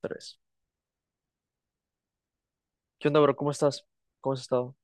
Tres. ¿Qué onda, bro? ¿Cómo estás? ¿Cómo has estado?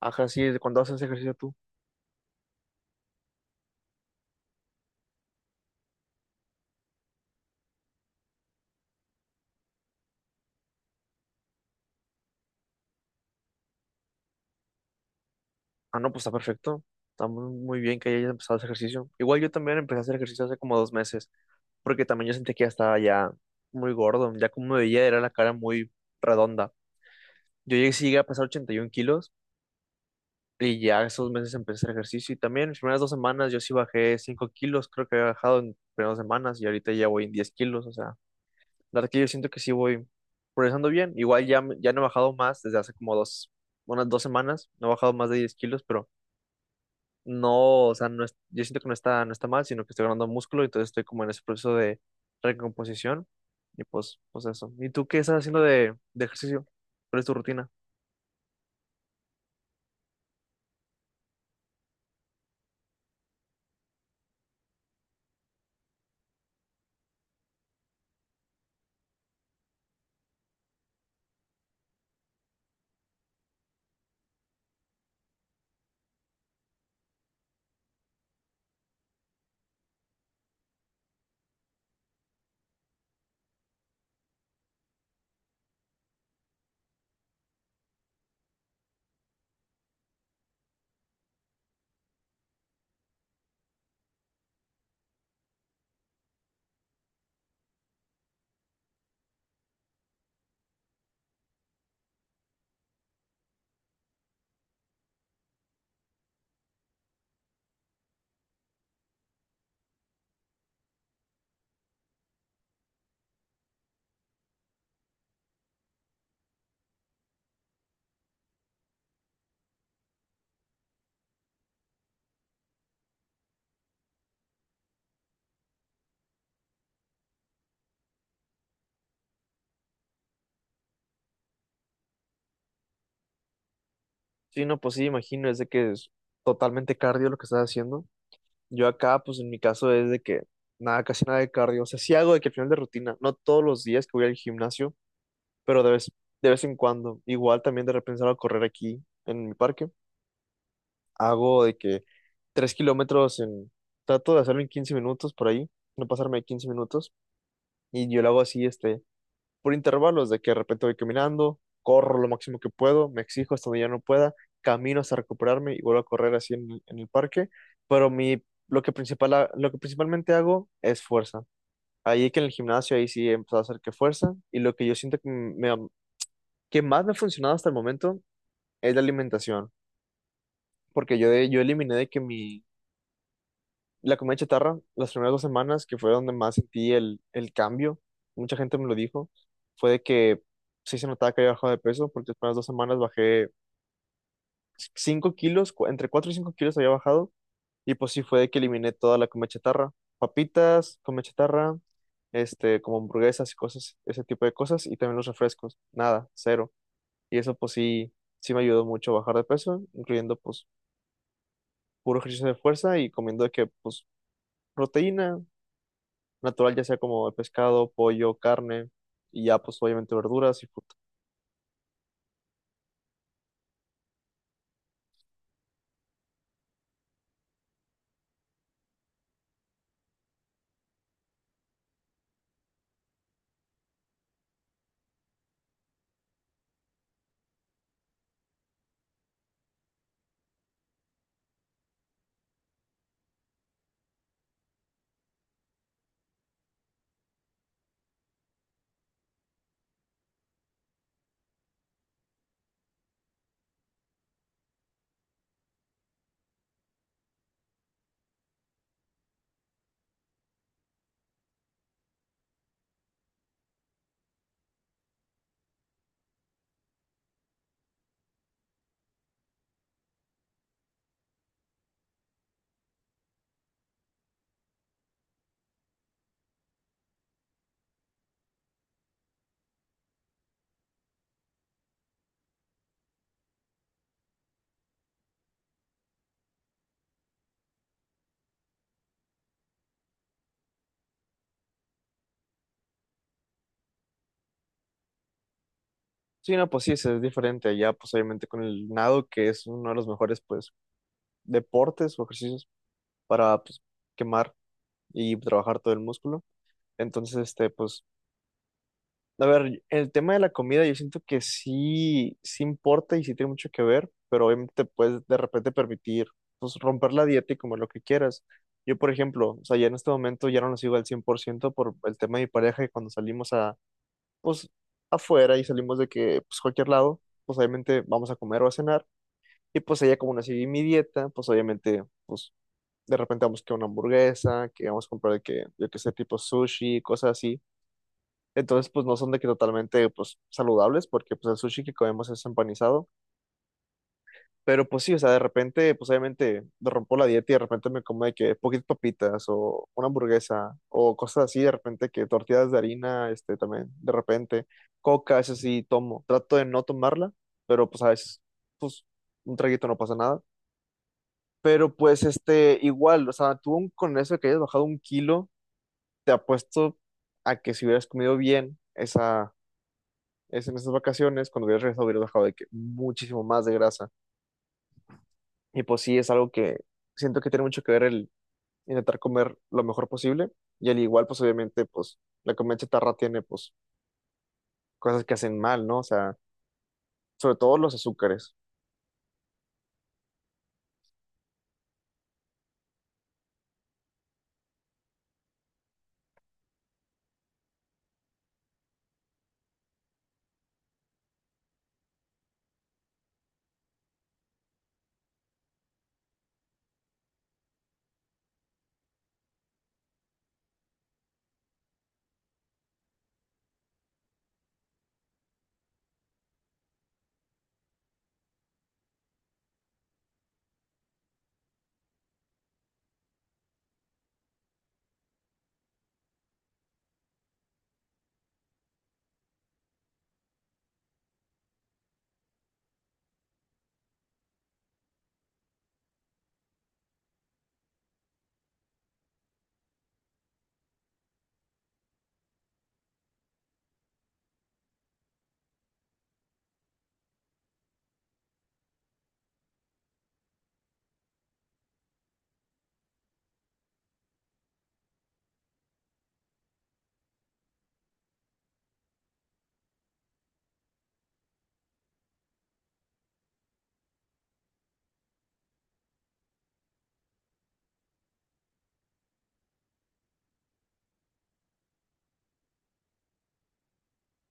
Ajá, sí, ¿de cuándo haces ejercicio tú? Ah, no, pues está perfecto. Está muy, muy bien que hayas empezado ese ejercicio. Igual yo también empecé a hacer ejercicio hace como dos meses, porque también yo sentí que ya estaba muy gordo. Ya como me veía, era la cara muy redonda. Sí llegué a pesar 81 kilos y ya esos meses empecé a hacer ejercicio. Y también en las primeras dos semanas yo sí bajé 5 kilos, creo que había bajado en primeras dos semanas, y ahorita ya voy en 10 kilos, o sea. La verdad que yo siento que sí voy progresando bien. Igual ya, ya no he bajado más desde hace unas dos semanas. No he bajado más de 10 kilos, pero no, o sea, no es- yo siento que no está, no está mal, sino que estoy ganando músculo. Entonces estoy como en ese proceso de recomposición. Y pues eso. ¿Y tú qué estás haciendo de ejercicio? ¿Cuál es tu rutina? Sí, no, pues sí, imagino, es de que es totalmente cardio lo que estás haciendo. Yo acá, pues en mi caso es de que nada, casi nada de cardio. O sea, sí hago de que al final de rutina, no todos los días que voy al gimnasio, pero de vez en cuando, igual también de repente salgo a correr aquí en mi parque. Hago de que tres kilómetros en, trato de hacerlo en 15 minutos por ahí, no pasarme de 15 minutos, y yo lo hago así, este, por intervalos, de que de repente voy caminando, corro lo máximo que puedo, me exijo hasta donde ya no pueda, camino hasta recuperarme y vuelvo a correr así en el parque. pero mi, lo que principal, lo que principalmente hago es fuerza. Ahí que en el gimnasio, ahí sí he empezado a hacer que fuerza, y lo que yo siento que más me ha funcionado hasta el momento es la alimentación, porque yo, yo eliminé la comida chatarra, las primeras dos semanas, que fue donde más sentí el cambio. Mucha gente me lo dijo, fue de que sí se notaba que había bajado de peso, porque las primeras dos semanas bajé 5 kilos, entre 4 y 5 kilos había bajado, y pues sí fue de que eliminé toda la comida chatarra, papitas, comida chatarra, este, como hamburguesas y cosas, ese tipo de cosas, y también los refrescos, nada, cero. Y eso pues sí, sí me ayudó mucho a bajar de peso, incluyendo pues puro ejercicio de fuerza y comiendo de que, pues, proteína natural, ya sea como pescado, pollo, carne, y ya, pues, obviamente verduras y fruta. Sí, no, pues sí, es diferente. Ya, pues, obviamente con el nado, que es uno de los mejores, pues, deportes o ejercicios para, pues, quemar y trabajar todo el músculo. Entonces, este, pues, a ver, el tema de la comida yo siento que sí, sí importa y sí tiene mucho que ver, pero obviamente puedes de repente permitir pues, romper la dieta y comer lo que quieras. Yo, por ejemplo, o sea, ya en este momento ya no lo sigo al cien por ciento por el tema de mi pareja, y cuando pues, afuera y salimos de que, pues, cualquier lado, pues obviamente vamos a comer o a cenar, y pues ella como no sigue mi dieta, pues obviamente, pues de repente vamos que a una hamburguesa, que vamos a comprar de que, yo que sé, tipo sushi, cosas así. Entonces, pues no son de que totalmente pues saludables, porque pues el sushi que comemos es empanizado. Pero pues sí, o sea, de repente, pues obviamente me rompo la dieta y de repente me como de que poquitas papitas o una hamburguesa o cosas así, de repente que tortillas de harina, este también, de repente, coca, eso sí tomo. Trato de no tomarla, pero pues a veces, pues un traguito no pasa nada. Pero pues este, igual, o sea, con eso de que hayas bajado un kilo, te apuesto a que si hubieras comido bien esa es en esas vacaciones, cuando hubieras regresado hubieras bajado de que muchísimo más de grasa. Y pues sí, es algo que siento que tiene mucho que ver el intentar comer lo mejor posible. Y al igual, pues obviamente, pues la comida chatarra tiene pues cosas que hacen mal, ¿no? O sea, sobre todo los azúcares.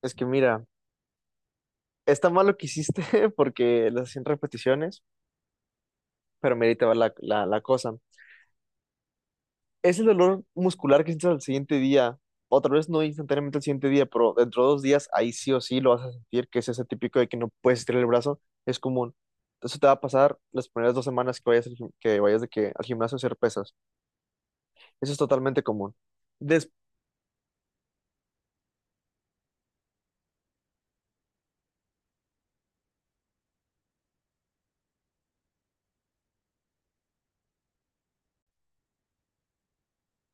Es que mira, está mal lo que hiciste porque las 100 repeticiones, pero merita va la cosa. Es el dolor muscular que sientes al siguiente día. Otra vez no instantáneamente al siguiente día, pero dentro de dos días ahí sí o sí lo vas a sentir, que es ese típico de que no puedes estirar el brazo, es común. Eso te va a pasar las primeras dos semanas que vayas, que vayas de que al gimnasio a hacer pesas. Eso es totalmente común. Des-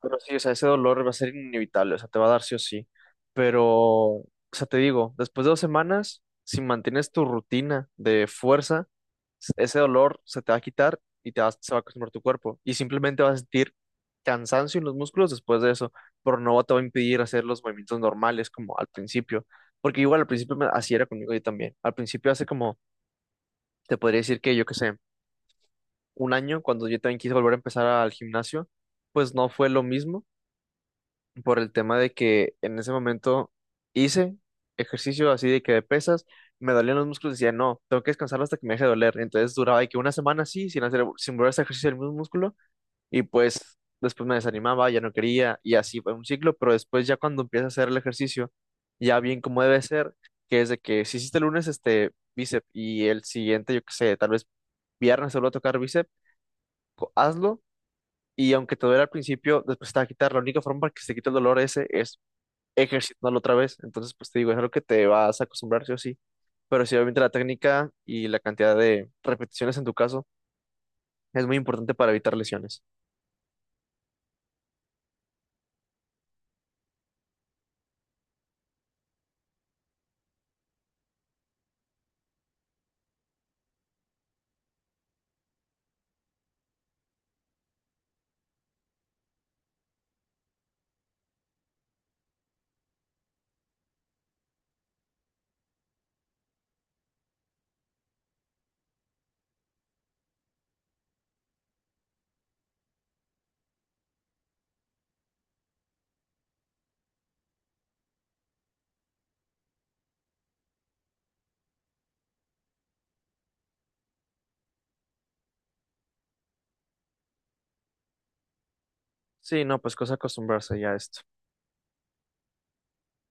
pero sí, o sea, ese dolor va a ser inevitable, o sea, te va a dar sí o sí. Pero, o sea, te digo, después de dos semanas, si mantienes tu rutina de fuerza, ese dolor se te va a quitar y se va a acostumbrar tu cuerpo, y simplemente vas a sentir cansancio en los músculos después de eso, pero no te va a impedir hacer los movimientos normales como al principio, porque igual al principio así era conmigo yo también. Al principio hace como, te podría decir que yo qué sé, un año, cuando yo también quise volver a empezar al gimnasio, pues no fue lo mismo por el tema de que en ese momento hice ejercicio así de que de pesas, me dolían los músculos, decía, no, tengo que descansarlo hasta que me deje de doler. Entonces duraba de que una semana así, sin volver a hacer ejercicio del mismo músculo, y pues después me desanimaba, ya no quería, y así fue un ciclo, pero después ya cuando empiezas a hacer el ejercicio, ya bien como debe ser, que es de que si hiciste el lunes este bíceps y el siguiente, yo qué sé, tal vez viernes solo a tocar bíceps, hazlo. Y aunque te duele al principio, después te va a quitar. La única forma para que se te quite el dolor ese es ejercitándolo otra vez. Entonces, pues te digo, es algo que te vas a acostumbrar, sí o sí. Pero sí, obviamente la técnica y la cantidad de repeticiones en tu caso es muy importante para evitar lesiones. Sí, no, pues cosa acostumbrarse ya a esto.